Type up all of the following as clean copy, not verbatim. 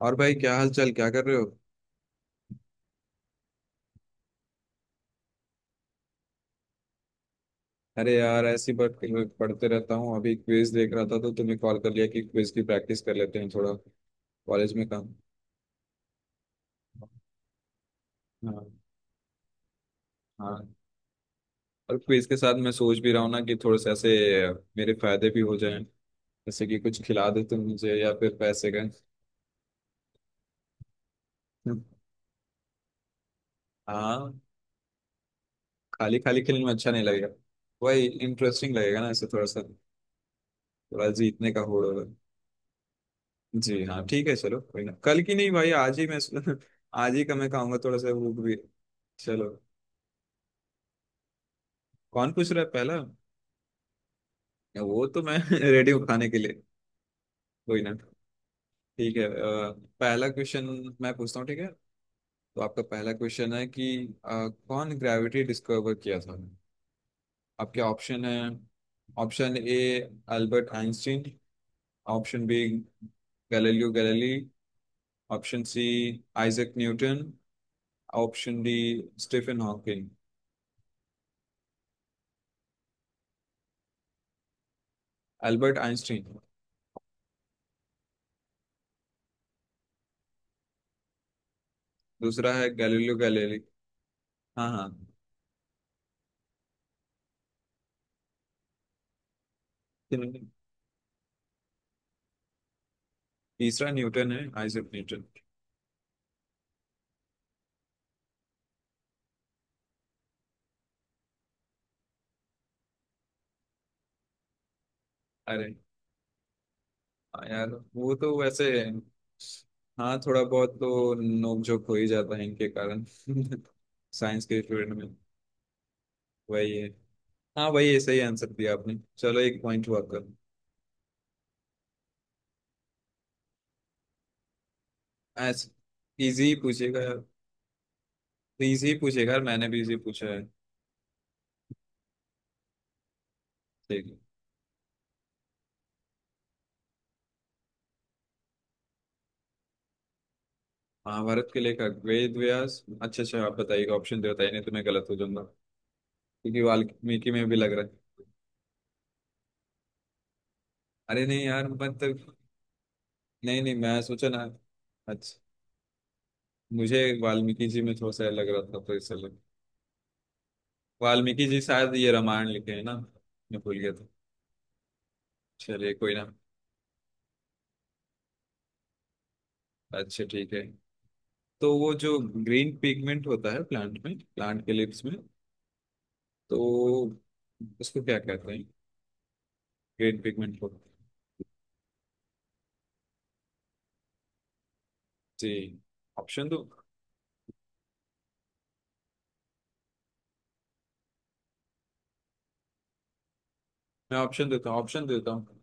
और भाई क्या हाल चाल, क्या कर रहे हो? अरे यार, ऐसी बात। पढ़ते रहता हूँ। अभी क्विज देख रहा था तो तुम्हें कॉल कर लिया कि क्विज की प्रैक्टिस कर लेते हैं थोड़ा। कॉलेज में काम। हाँ हाँ। और क्विज के साथ मैं सोच भी रहा हूँ ना कि थोड़े से ऐसे मेरे फायदे भी हो जाएं। जैसे कि कुछ खिला दो तुम मुझे या फिर पैसे का। हाँ। खाली खाली खेलने में अच्छा नहीं लगेगा। वही इंटरेस्टिंग लगेगा ना, ऐसे थोड़ा सा। थोड़ा जीतने का होड़ होगा। जी हाँ, ठीक है। चलो, कोई ना, कल की नहीं भाई, आज ही मैं आज ही का मैं खाऊंगा। थोड़ा सा भूख भी। चलो। कौन पूछ रहा है पहला? वो तो मैं रेडी हूँ खाने के लिए। कोई ना। ठीक है। पहला क्वेश्चन मैं पूछता हूँ, ठीक है? तो आपका पहला क्वेश्चन है कि कौन ग्रेविटी डिस्कवर किया था। आपके ऑप्शन है। Option A, Albert Einstein. Option B, Galileo Galilei. Option C, Isaac Newton. Option D, Stephen Hawking. Albert Einstein? दूसरा है गैलीलियो गैलीली। हाँ हाँ। तीसरा न्यूटन है, आइजक न्यूटन। अरे हाँ यार, वो तो वैसे। हाँ, थोड़ा बहुत तो नोकझोंक हो ही जाता है इनके कारण साइंस के फील्ड में। वही है। हाँ वही है। सही आंसर दिया आपने, चलो एक पॉइंट हुआ आपका। ऐसे इजी पूछिएगा यार। इजी ही पूछिएगा यार, मैंने भी इजी पूछा है। ठीक है। महाभारत के लेखक वेद व्यास। अच्छा अच्छा, आप बताइएगा ऑप्शन दे, बताइए नहीं तो मैं गलत हो जाऊंगा। क्योंकि वाल्मीकि में भी लग रहा है। अरे नहीं यार, मतलब। नहीं नहीं मैं सोचा ना। अच्छा। मुझे वाल्मीकि जी में थोड़ा सा लग रहा था, तो इसलिए। वाल्मीकि जी शायद ये रामायण लिखे हैं ना, मैं भूल गया था। चलिए कोई ना। अच्छा ठीक है। तो वो जो ग्रीन पिगमेंट होता है प्लांट में, प्लांट के लिप्स में, तो उसको क्या कहते हैं? ग्रीन पिगमेंट को। जी। ऑप्शन दो। मैं ऑप्शन देता हूँ,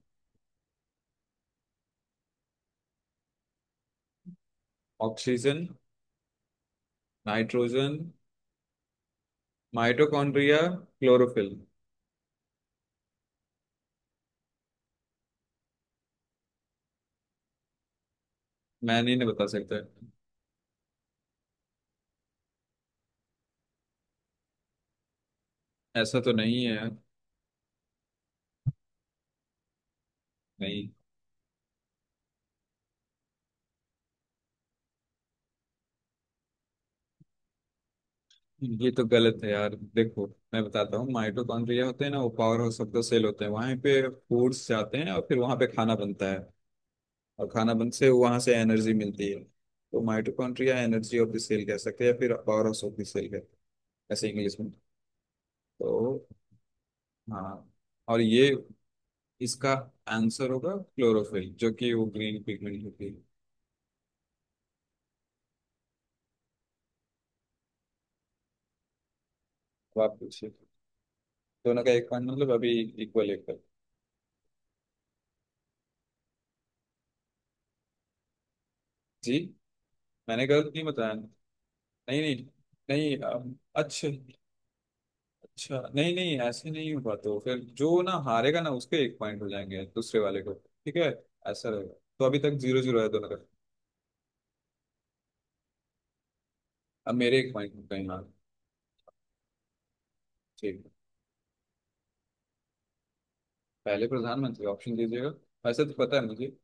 ऑक्सीजन नाइट्रोजन, माइटोकॉन्ड्रिया, क्लोरोफिल। मैन ही नहीं बता सकता है। ऐसा तो नहीं है यार। नहीं, ये तो गलत है यार। देखो, मैं बताता हूँ। माइटोकॉन्ड्रिया होते हैं ना, वो power house of the cell होते हैं। वहां पे फूड्स जाते हैं और फिर वहां पे खाना बनता है, और खाना बन से वहां से एनर्जी मिलती है। तो mitochondria energy of the cell कह सकते हैं या फिर power house of the cell कह, ऐसे इंग्लिश में। तो हाँ, और ये इसका आंसर होगा क्लोरोफिल, जो कि वो ग्रीन पिगमेंट होती है। अब आप पूछिए। दोनों का एक पॉइंट मतलब अभी, इक्वल इक्वल। जी, मैंने गलत नहीं बताया। नहीं नहीं। नहीं अच्छा। अच्छा नहीं नहीं, ऐसे नहीं होगा। तो फिर जो ना हारेगा ना, उसके एक पॉइंट हो जाएंगे दूसरे वाले को, ठीक है? ऐसा रहेगा। तो अभी तक जीरो जीरो है दोनों का। अब मेरे एक पॉइंट हो गए हाँ। ठीक है। पहले प्रधानमंत्री, ऑप्शन दीजिएगा। वैसे तो पता है मुझे,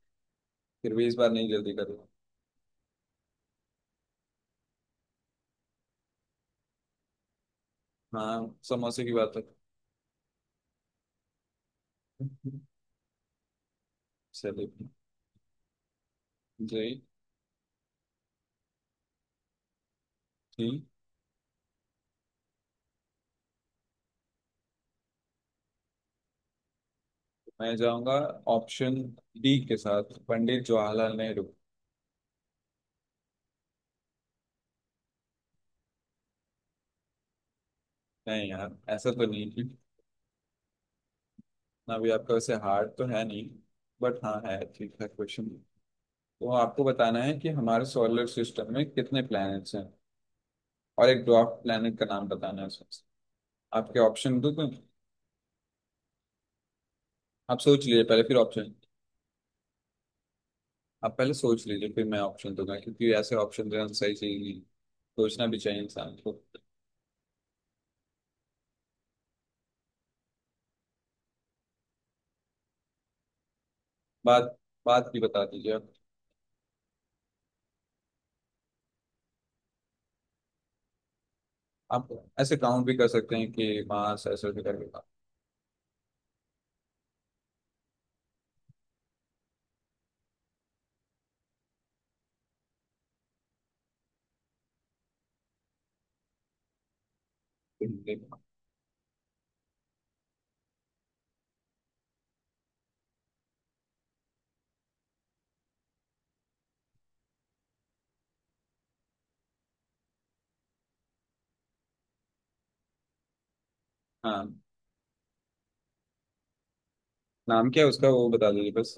फिर भी इस बार नहीं जल्दी करूँगा। हाँ, समोसे की बात है। चलिए। जी। ठीक। मैं जाऊंगा ऑप्शन डी के साथ, पंडित जवाहरलाल नेहरू। नहीं यार, ऐसा तो नहीं। ना भी, आपका वैसे हार्ड तो है नहीं, बट हाँ है, ठीक है क्वेश्चन। तो आपको बताना है कि हमारे सोलर सिस्टम में कितने प्लैनेट्स हैं, और एक ड्वार्फ प्लैनेट का नाम बताना है उसमें से। आपके ऑप्शन दूं मैं? आप सोच लीजिए पहले, फिर ऑप्शन। आप पहले सोच लीजिए, फिर मैं ऑप्शन दूंगा, क्योंकि ऐसे ऑप्शन देना सही चीज नहीं है। सोचना भी चाहिए इंसान को। बात, बात भी बता दीजिए आप। आप ऐसे काउंट भी कर सकते हैं कि मास ऐसे ऐसे करके। आप- हाँ। नाम क्या है उसका, वो बता दीजिए बस।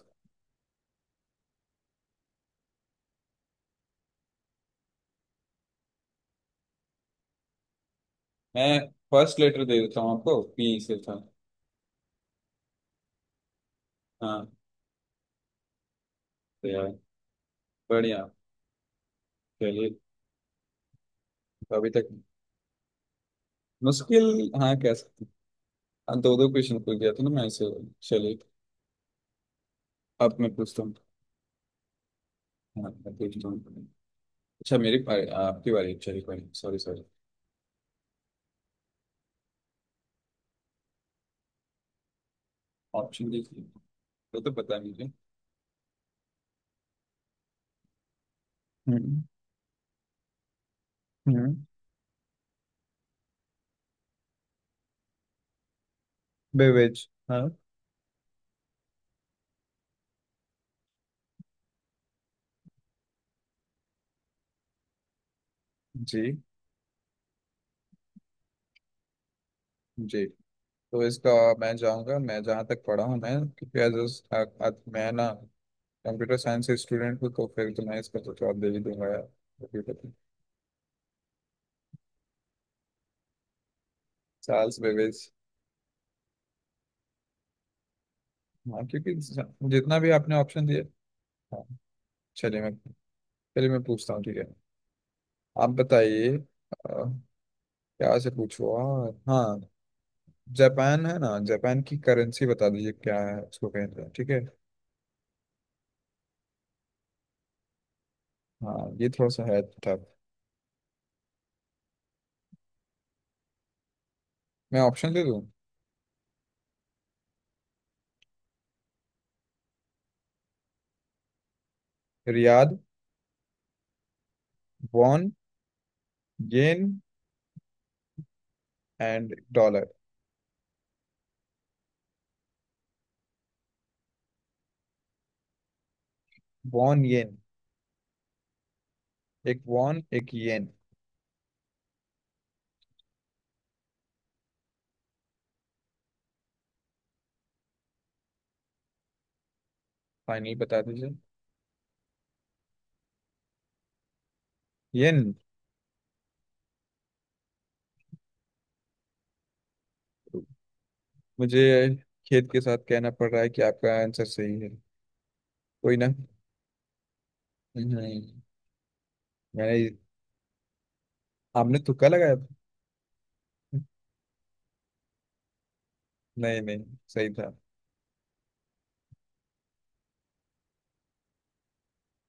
मैं फर्स्ट लेटर दे देता हूँ आपको, पी से था। हाँ। तो यार, बढ़िया। चलिए। तो अभी तक मुश्किल, हाँ कह सकते हैं। हाँ, दो दो क्वेश्चन पूछ गया था ना मैं इसे। चलिए। अब मैं पूछता हूँ। हाँ मैं पूछता हूँ। अच्छा, मेरी बारी, आपकी बारी, चलिए, बारी, सॉरी सॉरी। ऑप्शन देखिए, वो तो पता नहीं मुझे। हम्म हम्म। बेवेज हाँ। जी। जी, तो इसका मैं जाऊंगा। मैं जहाँ तक पढ़ा हूँ, मैं क्योंकि एज अ, मैं ना कंप्यूटर साइंस से स्टूडेंट हूँ, तो फिर तो मैं इसका तो जवाब दे ही दूंगा यार। Computer Charles Babbage. हाँ क्योंकि जितना भी आपने ऑप्शन दिए। हाँ। चलिए मैं चलिए मैं पूछता हूँ, ठीक है? आप बताइए क्या से पूछूँ? हाँ हाँ, जापान है ना, जापान की करेंसी बता दीजिए। क्या है, उसको कहते हैं, ठीक है? हाँ, ये थोड़ा सा है टफ। मैं ऑप्शन दे दूँ। Riyadh, won, yen, and dollar. Won, yen? एक वॉन एक येन। फाइनल बता दीजिए। येन। मुझे खेद के साथ कहना पड़ रहा है कि आपका आंसर सही है। कोई ना। हम्म। मैंने, आपने तुक्का लगाया था। नहीं नहीं, सही था।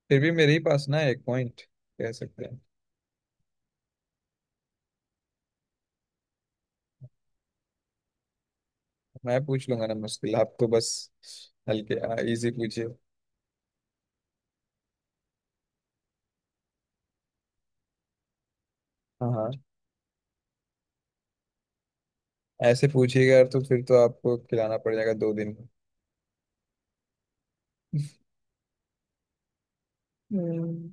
फिर भी मेरे ही पास ना एक पॉइंट, कह सकते हैं। मैं पूछ लूंगा ना मुश्किल, आप तो बस हल्के इजी पूछिए। हाँ हाँ। ऐसे पूछिएगा यार, तो फिर तो आपको खिलाना पड़ जाएगा दो दिन में। हम्म,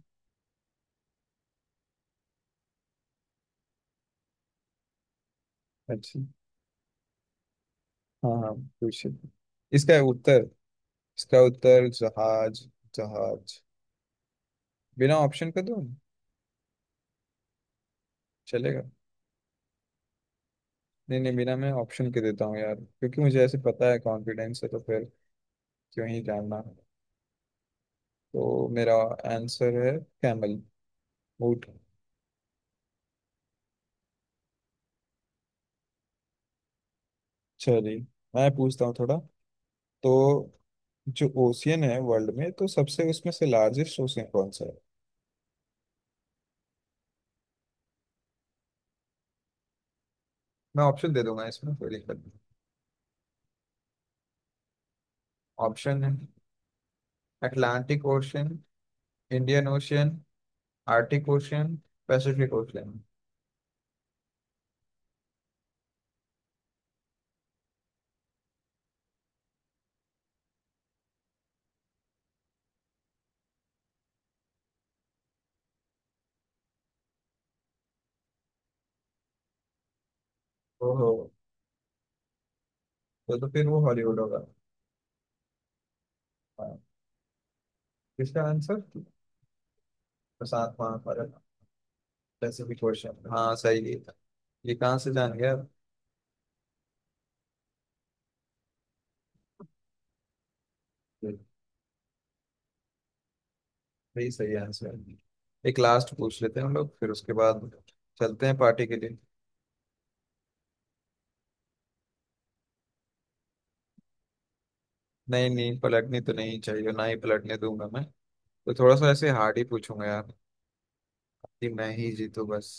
अच्छा। हाँ हाँ, पूछिए। इसका उत्तर, इसका उत्तर जहाज, जहाज। बिना ऑप्शन के दो चलेगा? नहीं नहीं, बिना मैं ऑप्शन के देता हूँ यार, क्योंकि मुझे ऐसे पता है, कॉन्फिडेंस है, तो फिर क्यों ही जानना। तो मेरा आंसर है कैमल, ऊँट। चलिए मैं पूछता हूँ थोड़ा। तो जो ओशियन है वर्ल्ड में, तो सबसे उसमें से लार्जेस्ट ओशियन कौन सा है? मैं ऑप्शन दे दूंगा, इसमें कोई दिक्कत नहीं। ऑप्शन है, Atlantic Ocean, Indian Ocean, Arctic Ocean, Pacific Ocean. ओहो, तो फिर वो हॉलीवुड होगा। हाँ, इसका आंसर प्रशांत महासागर। पैसिफिक ओशियन, हाँ सही है। ये कहाँ से जान गया? यही सही आंसर है। एक लास्ट पूछ लेते हैं हम लोग, फिर उसके बाद चलते हैं पार्टी के लिए। नहीं नहीं, पलटनी तो नहीं चाहिए, ना ही पलटने दूंगा मैं। तो थोड़ा सा ऐसे हार्ड ही पूछूंगा यार, कि मैं ही जीतू बस।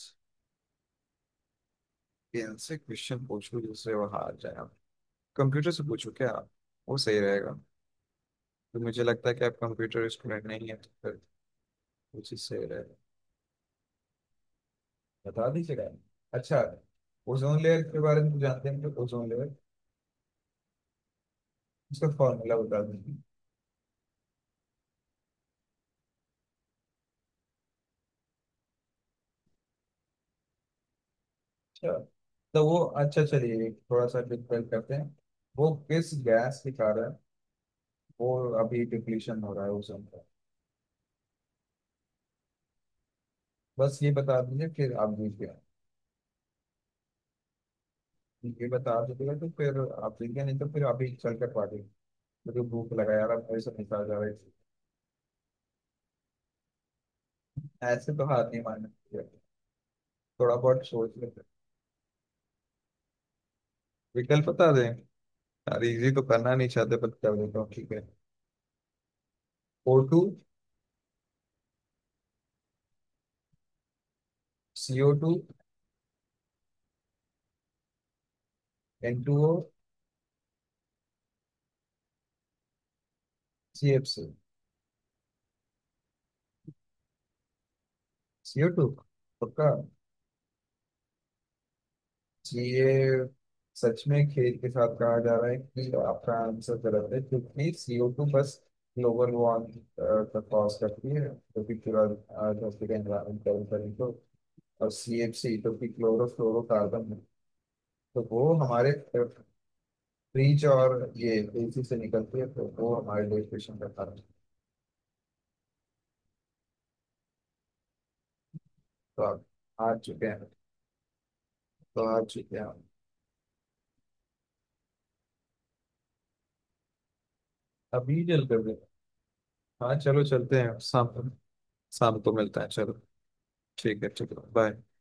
कि इनसे क्वेश्चन पूछूं जिससे वो हार जाए। आप कंप्यूटर से पूछो क्या, आप? वो सही रहेगा। तो मुझे लगता है कि आप कंप्यूटर स्टूडेंट नहीं है, तो फिर वो चीज़ सही रहेगा। बता दीजिएगा। अच्छा। ओजोन लेयर के बारे में तो जानते हैं, तो ओजोन लेयर उसका फॉर्मूला बता दीजिए। अच्छा तो वो, अच्छा चलिए, थोड़ा सा डिफरेंट करते हैं। वो किस गैस के कारण वो अभी डिप्लीशन हो रहा है ओजोन का? बस ये बता दीजिए, फिर आप जीत गया। ये बता दीजिएगा तो फिर आप जीत गया, नहीं तो फिर आप ही चल कर पा गए। मुझे भूख लगा यार, अब ऐसा नहीं खा जा रहा है। ऐसे तो हाथ नहीं मारना चाहिए। थोड़ा बहुत सोच लेते। विकल्प बता दें यार, इजी तो करना नहीं चाहते पर कर देता हूँ, ठीक है। O two, C O two, N two O, C F C. C O two, पक्का? तो ये सच में खेल के साथ कहा जा रहा है कि आपका आंसर गलत है, क्योंकि सीओ टू बस ग्लोबल वार्मिंग का कॉज करती है, जो कि पूरा धरती का एनवायरमेंट गर्म करने को। और सी एफ सी जो कि क्लोरोफ्लोरोकार्बन है, तो वो हमारे फ्रिज और ये एसी से निकलती है, तो वो हमारे डिस्कशन का कारण है। तो आप हार चुके हैं, तो हार चुके हैं आप। अभी जल कर दे। हाँ चलो चलते हैं शाम, शाम को मिलता है चलो। ठीक है, ठीक है, बाय।